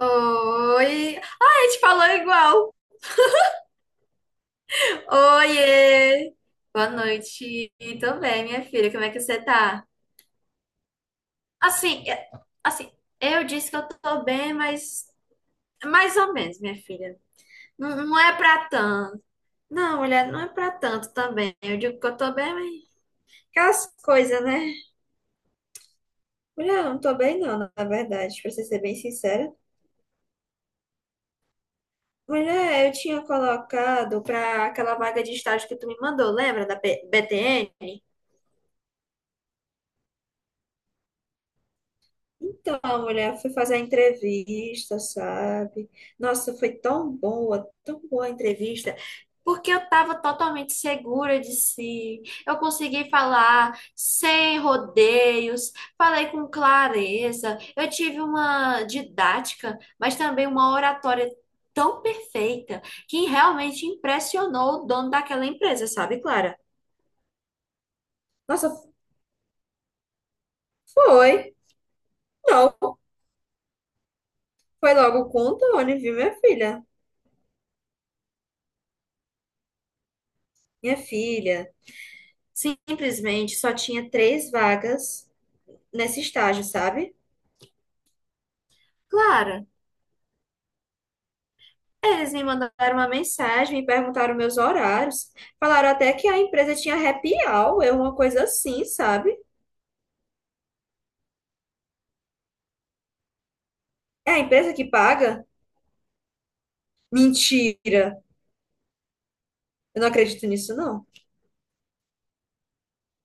Oi! Ai, a gente falou igual! Oiê! Boa noite também, minha filha. Como é que você tá? Assim, assim, eu disse que eu tô bem, mas mais ou menos, minha filha. Não, não é pra tanto. Não, mulher, não é pra tanto também. Eu digo que eu tô bem, mas aquelas coisas, né? Mulher, eu não tô bem não, na verdade, pra você ser bem sincera. Mulher, eu tinha colocado pra aquela vaga de estágio que tu me mandou, lembra da BTN? Então, a mulher foi fazer a entrevista, sabe? Nossa, foi tão boa a entrevista, porque eu estava totalmente segura de si. Eu consegui falar sem rodeios, falei com clareza. Eu tive uma didática, mas também uma oratória tão perfeita que realmente impressionou o dono daquela empresa, sabe, Clara? Nossa, foi. Não, foi logo com o Tony, viu, minha filha? Minha filha. Simplesmente só tinha três vagas nesse estágio, sabe? Claro, eles me mandaram uma mensagem, me perguntaram meus horários, falaram até que a empresa tinha happy hour, eu uma coisa assim, sabe? É a empresa que paga? Mentira! Eu não acredito nisso, não.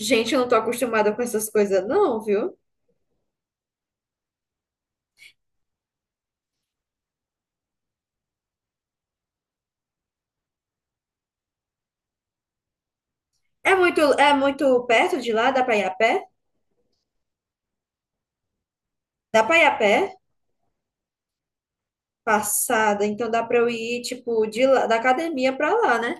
Gente, eu não tô acostumada com essas coisas, não, viu? É muito perto de lá, dá pra ir a pé? Dá pra ir a pé? Passada, então dá pra eu ir, tipo, de lá, da academia pra lá, né?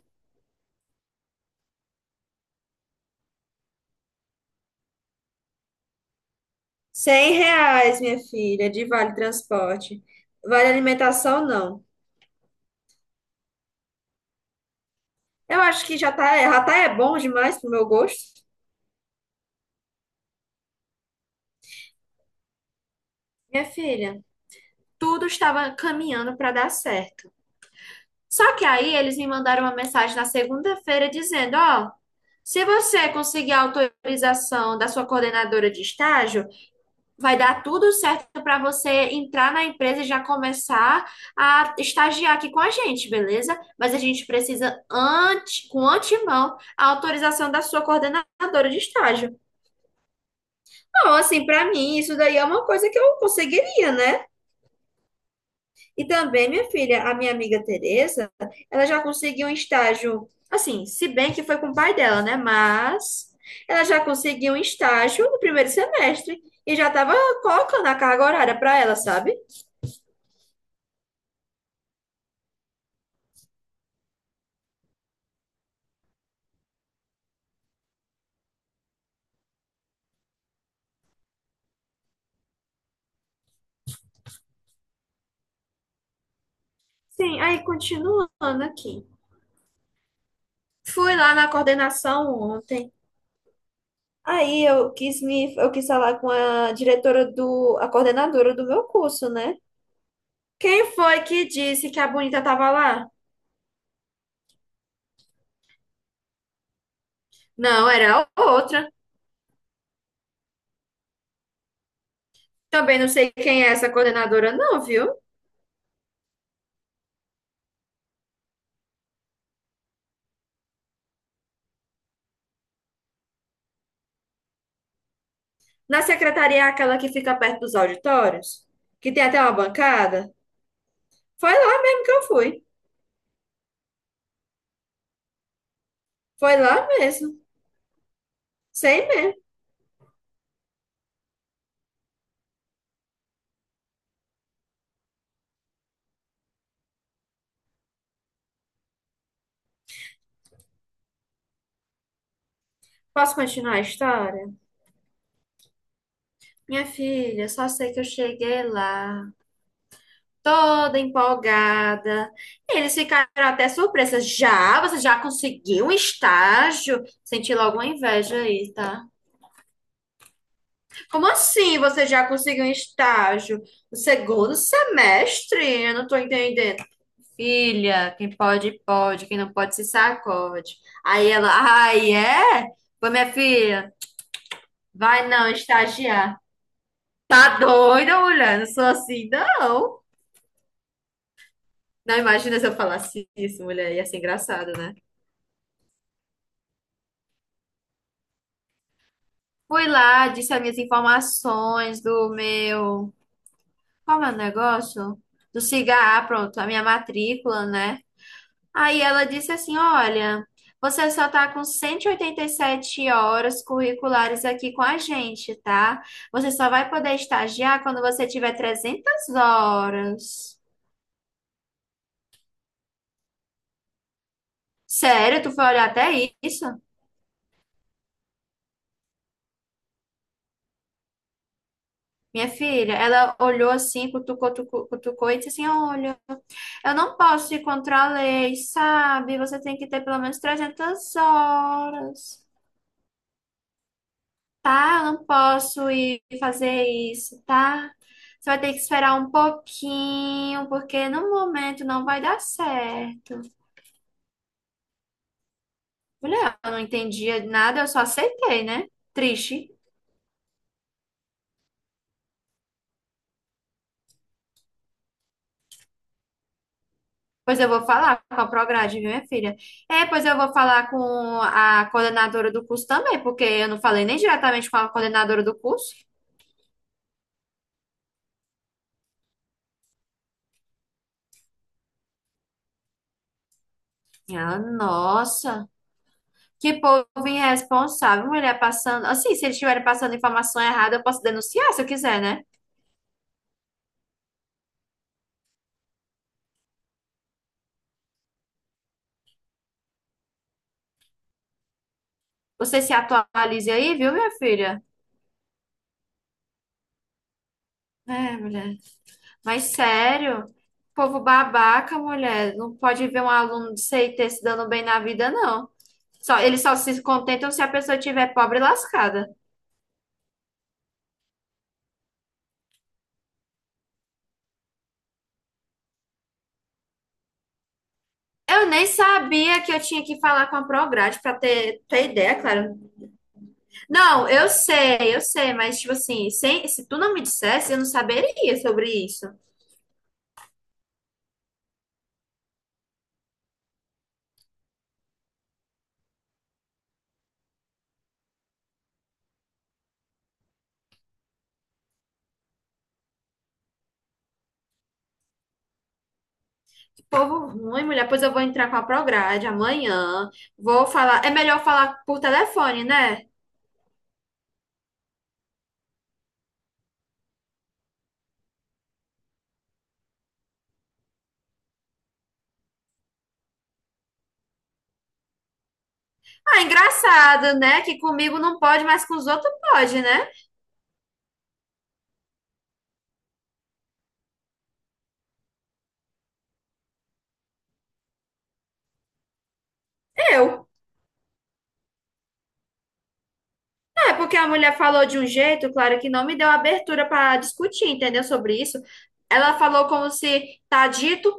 R$ 100, minha filha, de vale transporte. Vale alimentação, não. Eu acho que já tá é bom demais pro meu gosto. Minha filha, tudo estava caminhando para dar certo. Só que aí eles me mandaram uma mensagem na segunda-feira dizendo, ó, se você conseguir a autorização da sua coordenadora de estágio, vai dar tudo certo para você entrar na empresa e já começar a estagiar aqui com a gente, beleza? Mas a gente precisa antes, com antemão, a autorização da sua coordenadora de estágio. Não, assim, para mim, isso daí é uma coisa que eu conseguiria, né? E também, minha filha, a minha amiga Tereza, ela já conseguiu um estágio, assim, se bem que foi com o pai dela, né? Mas ela já conseguiu um estágio no primeiro semestre e já estava colocando a carga horária para ela, sabe? Sim, aí continuando aqui. Fui lá na coordenação ontem. Aí eu quis falar com a diretora do, a coordenadora do meu curso, né? Quem foi que disse que a bonita tava lá? Não, era a outra. Também não sei quem é essa coordenadora, não, viu? Na secretaria, é aquela que fica perto dos auditórios, que tem até uma bancada. Foi lá mesmo que eu fui. Foi lá mesmo. Sei mesmo. Posso continuar a história? Minha filha, só sei que eu cheguei lá toda empolgada. Eles ficaram até surpresas. Já? Você já conseguiu um estágio? Senti logo uma inveja aí, tá? Como assim você já conseguiu um estágio? No segundo semestre? Eu não tô entendendo. Filha, quem pode, pode. Quem não pode, se sacode. Aí ela, ai, é? Foi minha filha, vai não estagiar. Tá doida, mulher? Não sou assim, não. Não imagina se eu falasse isso, mulher. Ia ser engraçado, né? Fui lá, disse as minhas informações do meu. Qual é o negócio? Do cigarro, pronto, a minha matrícula, né? Aí ela disse assim: Olha, você só tá com cento e oitenta e sete horas curriculares aqui com a gente, tá? Você só vai poder estagiar quando você tiver 300 horas. Sério, tu foi olhar até isso? Minha filha, ela olhou assim, cutucou, cutucou, e disse assim: Olha, eu não posso ir contra a lei, sabe? Você tem que ter pelo menos 300 horas, tá? Eu não posso ir fazer isso, tá? Você vai ter que esperar um pouquinho, porque no momento não vai dar certo. Mulher, eu não entendia nada, eu só aceitei, né? Triste. Pois eu vou falar com a Prograde, viu, minha filha? É, pois eu vou falar com a coordenadora do curso também, porque eu não falei nem diretamente com a coordenadora do curso. Ah, nossa, que povo irresponsável, mulher passando. Assim, se eles estiverem passando informação errada, eu posso denunciar se eu quiser, né? Você se atualize aí, viu, minha filha? É, mulher. Mas sério, povo babaca, mulher. Não pode ver um aluno de CIT se dando bem na vida, não. Só, eles só se contentam se a pessoa estiver pobre e lascada. Eu nem sabia que eu tinha que falar com a Prograde pra ter ideia, claro. Não, eu sei, mas tipo assim, sem, se tu não me dissesse, eu não saberia sobre isso. Que povo ruim, mulher. Pois eu vou entrar com a Prograde amanhã. Vou falar. É melhor falar por telefone, né? Ah, engraçado, né? Que comigo não pode, mas com os outros pode, né? Eu. É porque a mulher falou de um jeito, claro, que não me deu abertura para discutir, entendeu? Sobre isso. Ela falou como se tá dito,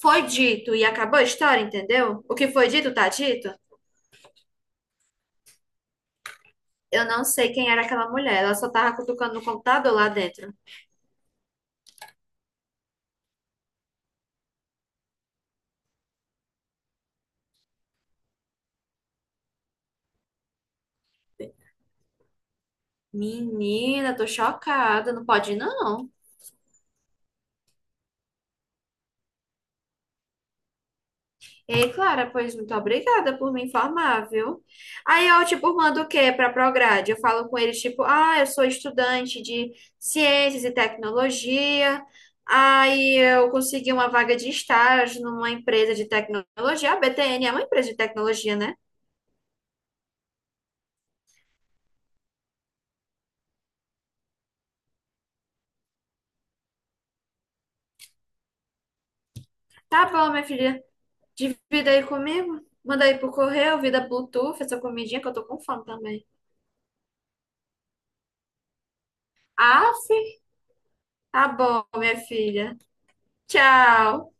foi dito e acabou a história, entendeu? O que foi dito, tá dito. Eu não sei quem era aquela mulher, ela só tava cutucando no computador lá dentro. Menina, tô chocada, não pode não. Ei, Clara, pois muito obrigada por me informar, viu? Aí eu, tipo, mando o quê para a Prograde? Eu falo com eles, tipo, ah, eu sou estudante de ciências e tecnologia. Aí eu consegui uma vaga de estágio numa empresa de tecnologia. A BTN é uma empresa de tecnologia, né? Tá bom, minha filha, divida aí comigo. Manda aí pro correio, vida Bluetooth, essa comidinha que eu tô com fome também. Aff, tá bom, minha filha. Tchau.